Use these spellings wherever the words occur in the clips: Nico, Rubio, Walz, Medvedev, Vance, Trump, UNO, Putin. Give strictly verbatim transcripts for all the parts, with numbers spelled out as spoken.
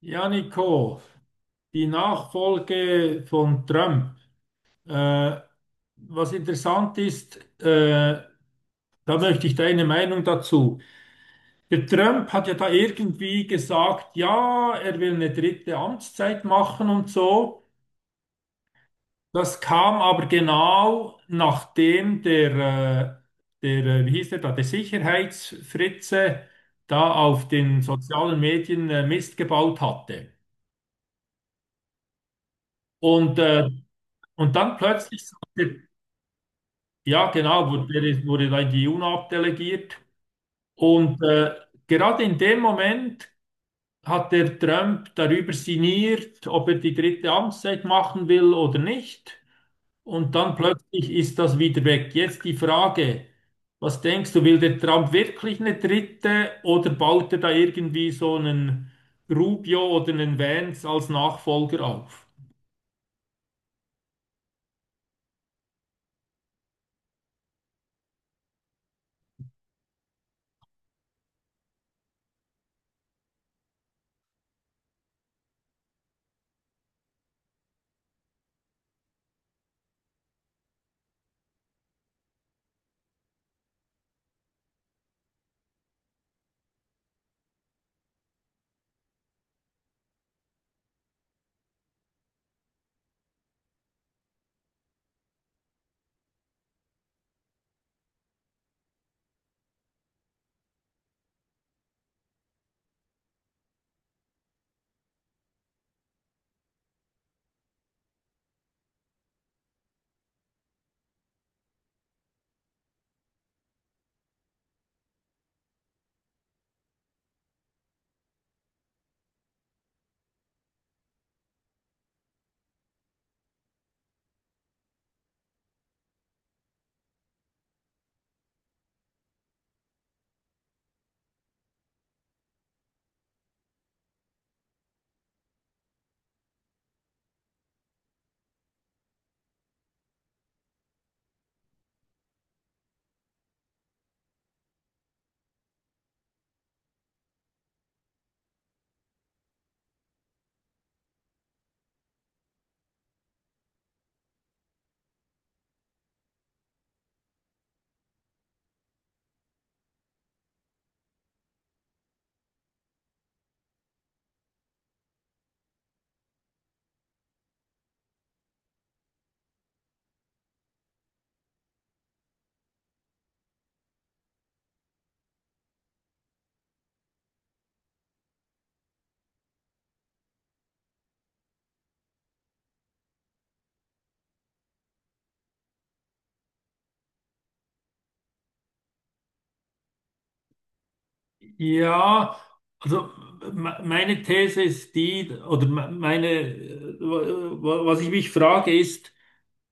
Ja, Nico, die Nachfolge von Trump. Äh, Was interessant ist, äh, da möchte ich deine Meinung dazu. Der Trump hat ja da irgendwie gesagt, ja, er will eine dritte Amtszeit machen und so. Das kam aber genau nachdem der, äh, der, äh, wie hieß der da, der Sicherheitsfritze da auf den sozialen Medien äh, Mist gebaut hatte. Und, äh, und dann plötzlich sagt der: Ja, genau, wurde, wurde da in die UNO abdelegiert. Und äh, gerade in dem Moment hat der Trump darüber sinniert, ob er die dritte Amtszeit machen will oder nicht. Und dann plötzlich ist das wieder weg. Jetzt die Frage, was denkst du, will der Trump wirklich eine dritte oder baut er da irgendwie so einen Rubio oder einen Vance als Nachfolger auf? Ja, also me- meine These ist die, oder me- meine, äh, wa- was ich mich frage, ist,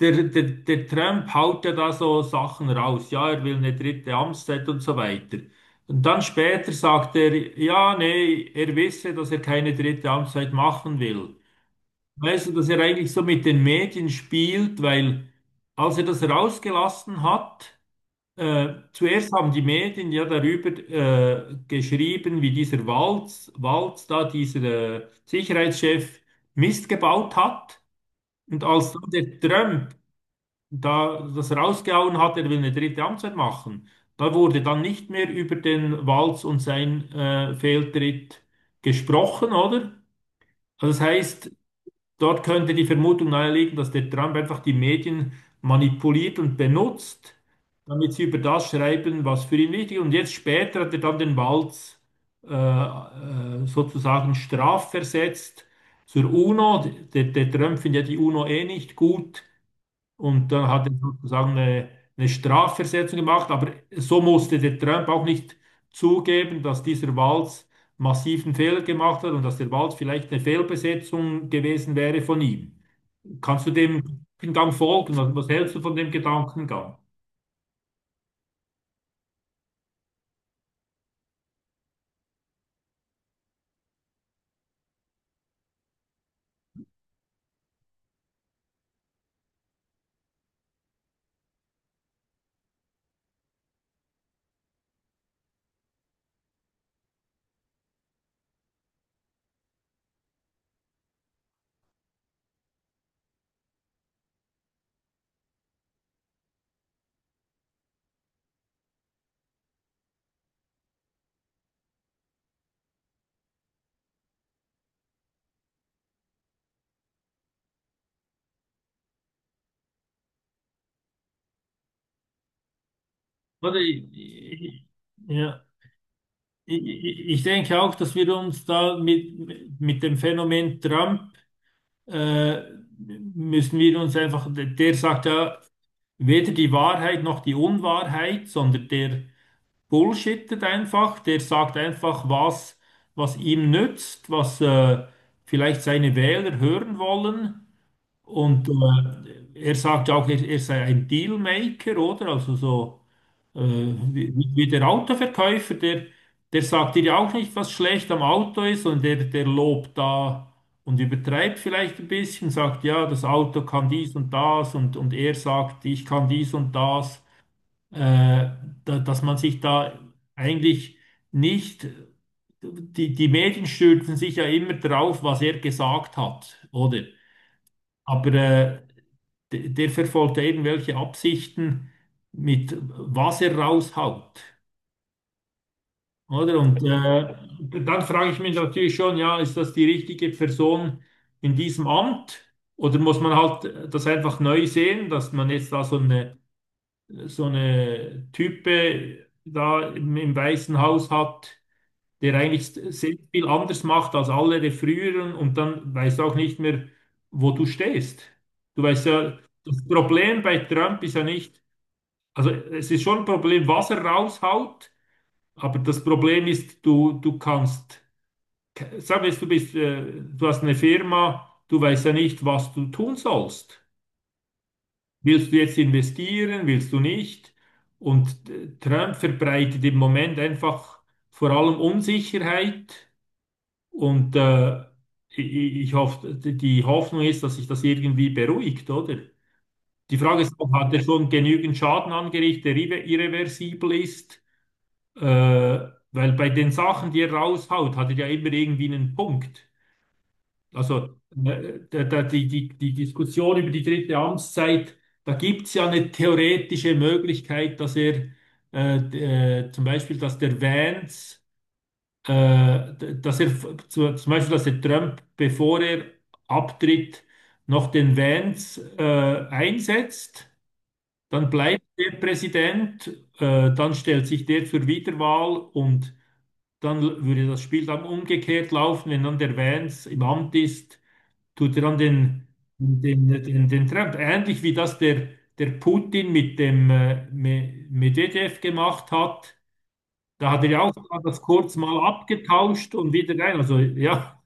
der, der, der Trump haut ja da so Sachen raus. Ja, er will eine dritte Amtszeit und so weiter. Und dann später sagt er, ja, nee, er wisse, dass er keine dritte Amtszeit machen will. Weißt du, dass er eigentlich so mit den Medien spielt, weil als er das rausgelassen hat, äh, zuerst haben die Medien ja darüber äh, geschrieben, wie dieser Walz, Walz da, dieser äh, Sicherheitschef, Mist gebaut hat. Und als dann der Trump da das rausgehauen hat, er will eine dritte Amtszeit machen, da wurde dann nicht mehr über den Walz und sein äh, Fehltritt gesprochen, oder? Also das heißt, dort könnte die Vermutung naheliegen, dass der Trump einfach die Medien manipuliert und benutzt, damit sie über das schreiben, was für ihn wichtig ist. Und jetzt später hat er dann den Walz äh, äh, sozusagen strafversetzt zur UNO. Der, Der Trump findet ja die UNO eh nicht gut. Und dann hat er sozusagen eine, eine Strafversetzung gemacht. Aber so musste der Trump auch nicht zugeben, dass dieser Walz massiven Fehler gemacht hat und dass der Walz vielleicht eine Fehlbesetzung gewesen wäre von ihm. Kannst du dem Gedankengang folgen? Was, was hältst du von dem Gedankengang? Oder ich, ich, ja, ich, ich ich denke auch, dass wir uns da mit, mit dem Phänomen Trump äh, müssen wir uns einfach, der sagt ja weder die Wahrheit noch die Unwahrheit, sondern der bullshittet einfach, der sagt einfach, was, was ihm nützt, was äh, vielleicht seine Wähler hören wollen. Und äh, er sagt auch, er, er sei ein Dealmaker, oder? Also so äh, wie, wie wie der Autoverkäufer, der, der sagt dir ja auch nicht, was schlecht am Auto ist und der, der lobt da und übertreibt vielleicht ein bisschen, sagt, ja, das Auto kann dies und das und, und er sagt, ich kann dies und das, äh, da, dass man sich da eigentlich nicht, die, die Medien stürzen sich ja immer drauf, was er gesagt hat, oder? Aber äh, D- der verfolgt ja irgendwelche Absichten mit was er raushaut. Oder? Und äh, dann frage ich mich natürlich schon, ja, ist das die richtige Person in diesem Amt? Oder muss man halt das einfach neu sehen, dass man jetzt da so eine, so eine Type da im, im Weißen Haus hat, der eigentlich sehr viel anders macht als alle der früheren und dann weißt du auch nicht mehr, wo du stehst. Du weißt ja, das Problem bei Trump ist ja nicht, also es ist schon ein Problem, was er raushaut, aber das Problem ist, du, du kannst, sagen wir jetzt, du bist, äh, du hast eine Firma, du weißt ja nicht, was du tun sollst. Willst du jetzt investieren, willst du nicht? Und äh, Trump verbreitet im Moment einfach vor allem Unsicherheit und äh, ich, ich hoffe, die Hoffnung ist, dass sich das irgendwie beruhigt, oder? Die Frage ist, ob hat er schon genügend Schaden angerichtet, der irre- irreversibel ist? Äh, weil bei den Sachen, die er raushaut, hat er ja immer irgendwie einen Punkt. Also äh, da, da, die, die, die Diskussion über die dritte Amtszeit, da gibt es ja eine theoretische Möglichkeit, dass er äh, d- äh, zum Beispiel, dass der Vance, äh, d- dass er f- zu, zum Beispiel, dass der Trump, bevor er abtritt, noch den Vance äh, einsetzt. Dann bleibt der Präsident, äh, dann stellt sich der zur Wiederwahl und dann würde das Spiel dann umgekehrt laufen, wenn dann der Vance im Amt ist, tut er dann den, den, den, den Trump. Ähnlich wie das der, der Putin mit dem äh, Me- Medvedev gemacht hat. Da hat er ja auch das kurz mal abgetauscht und wieder rein. Also ja,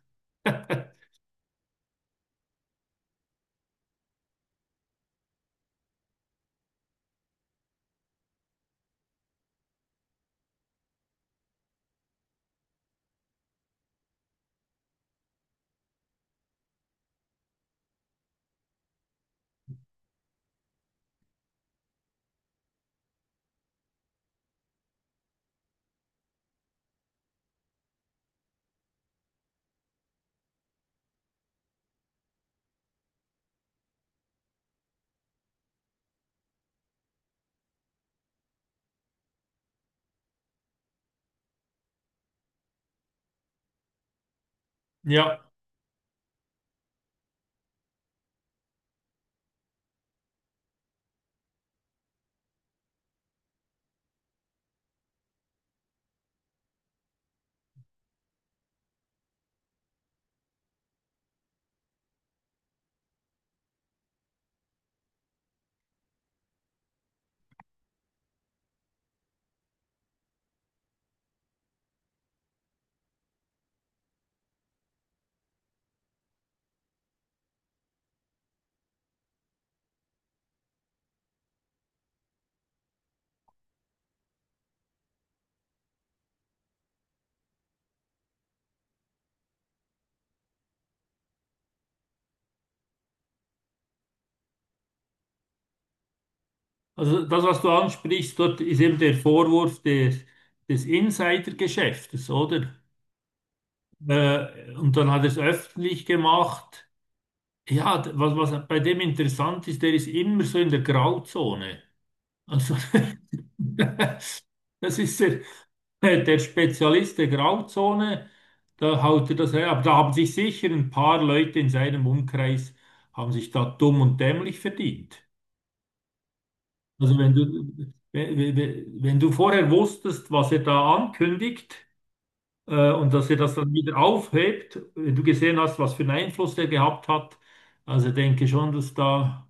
ja. Also das, was du ansprichst, dort ist eben der Vorwurf des, des Insidergeschäftes, oder? Äh, und dann hat er es öffentlich gemacht. Ja, d- was, was bei dem interessant ist, der ist immer so in der Grauzone. Also, das ist der, der Spezialist der Grauzone, da haut er das her. Aber da haben sich sicher ein paar Leute in seinem Umkreis, haben sich da dumm und dämlich verdient. Also wenn du, wenn, wenn wenn du vorher wusstest, was er da ankündigt, äh, und dass er das dann wieder aufhebt, wenn du gesehen hast, was für einen Einfluss der gehabt hat, also denke schon, dass da...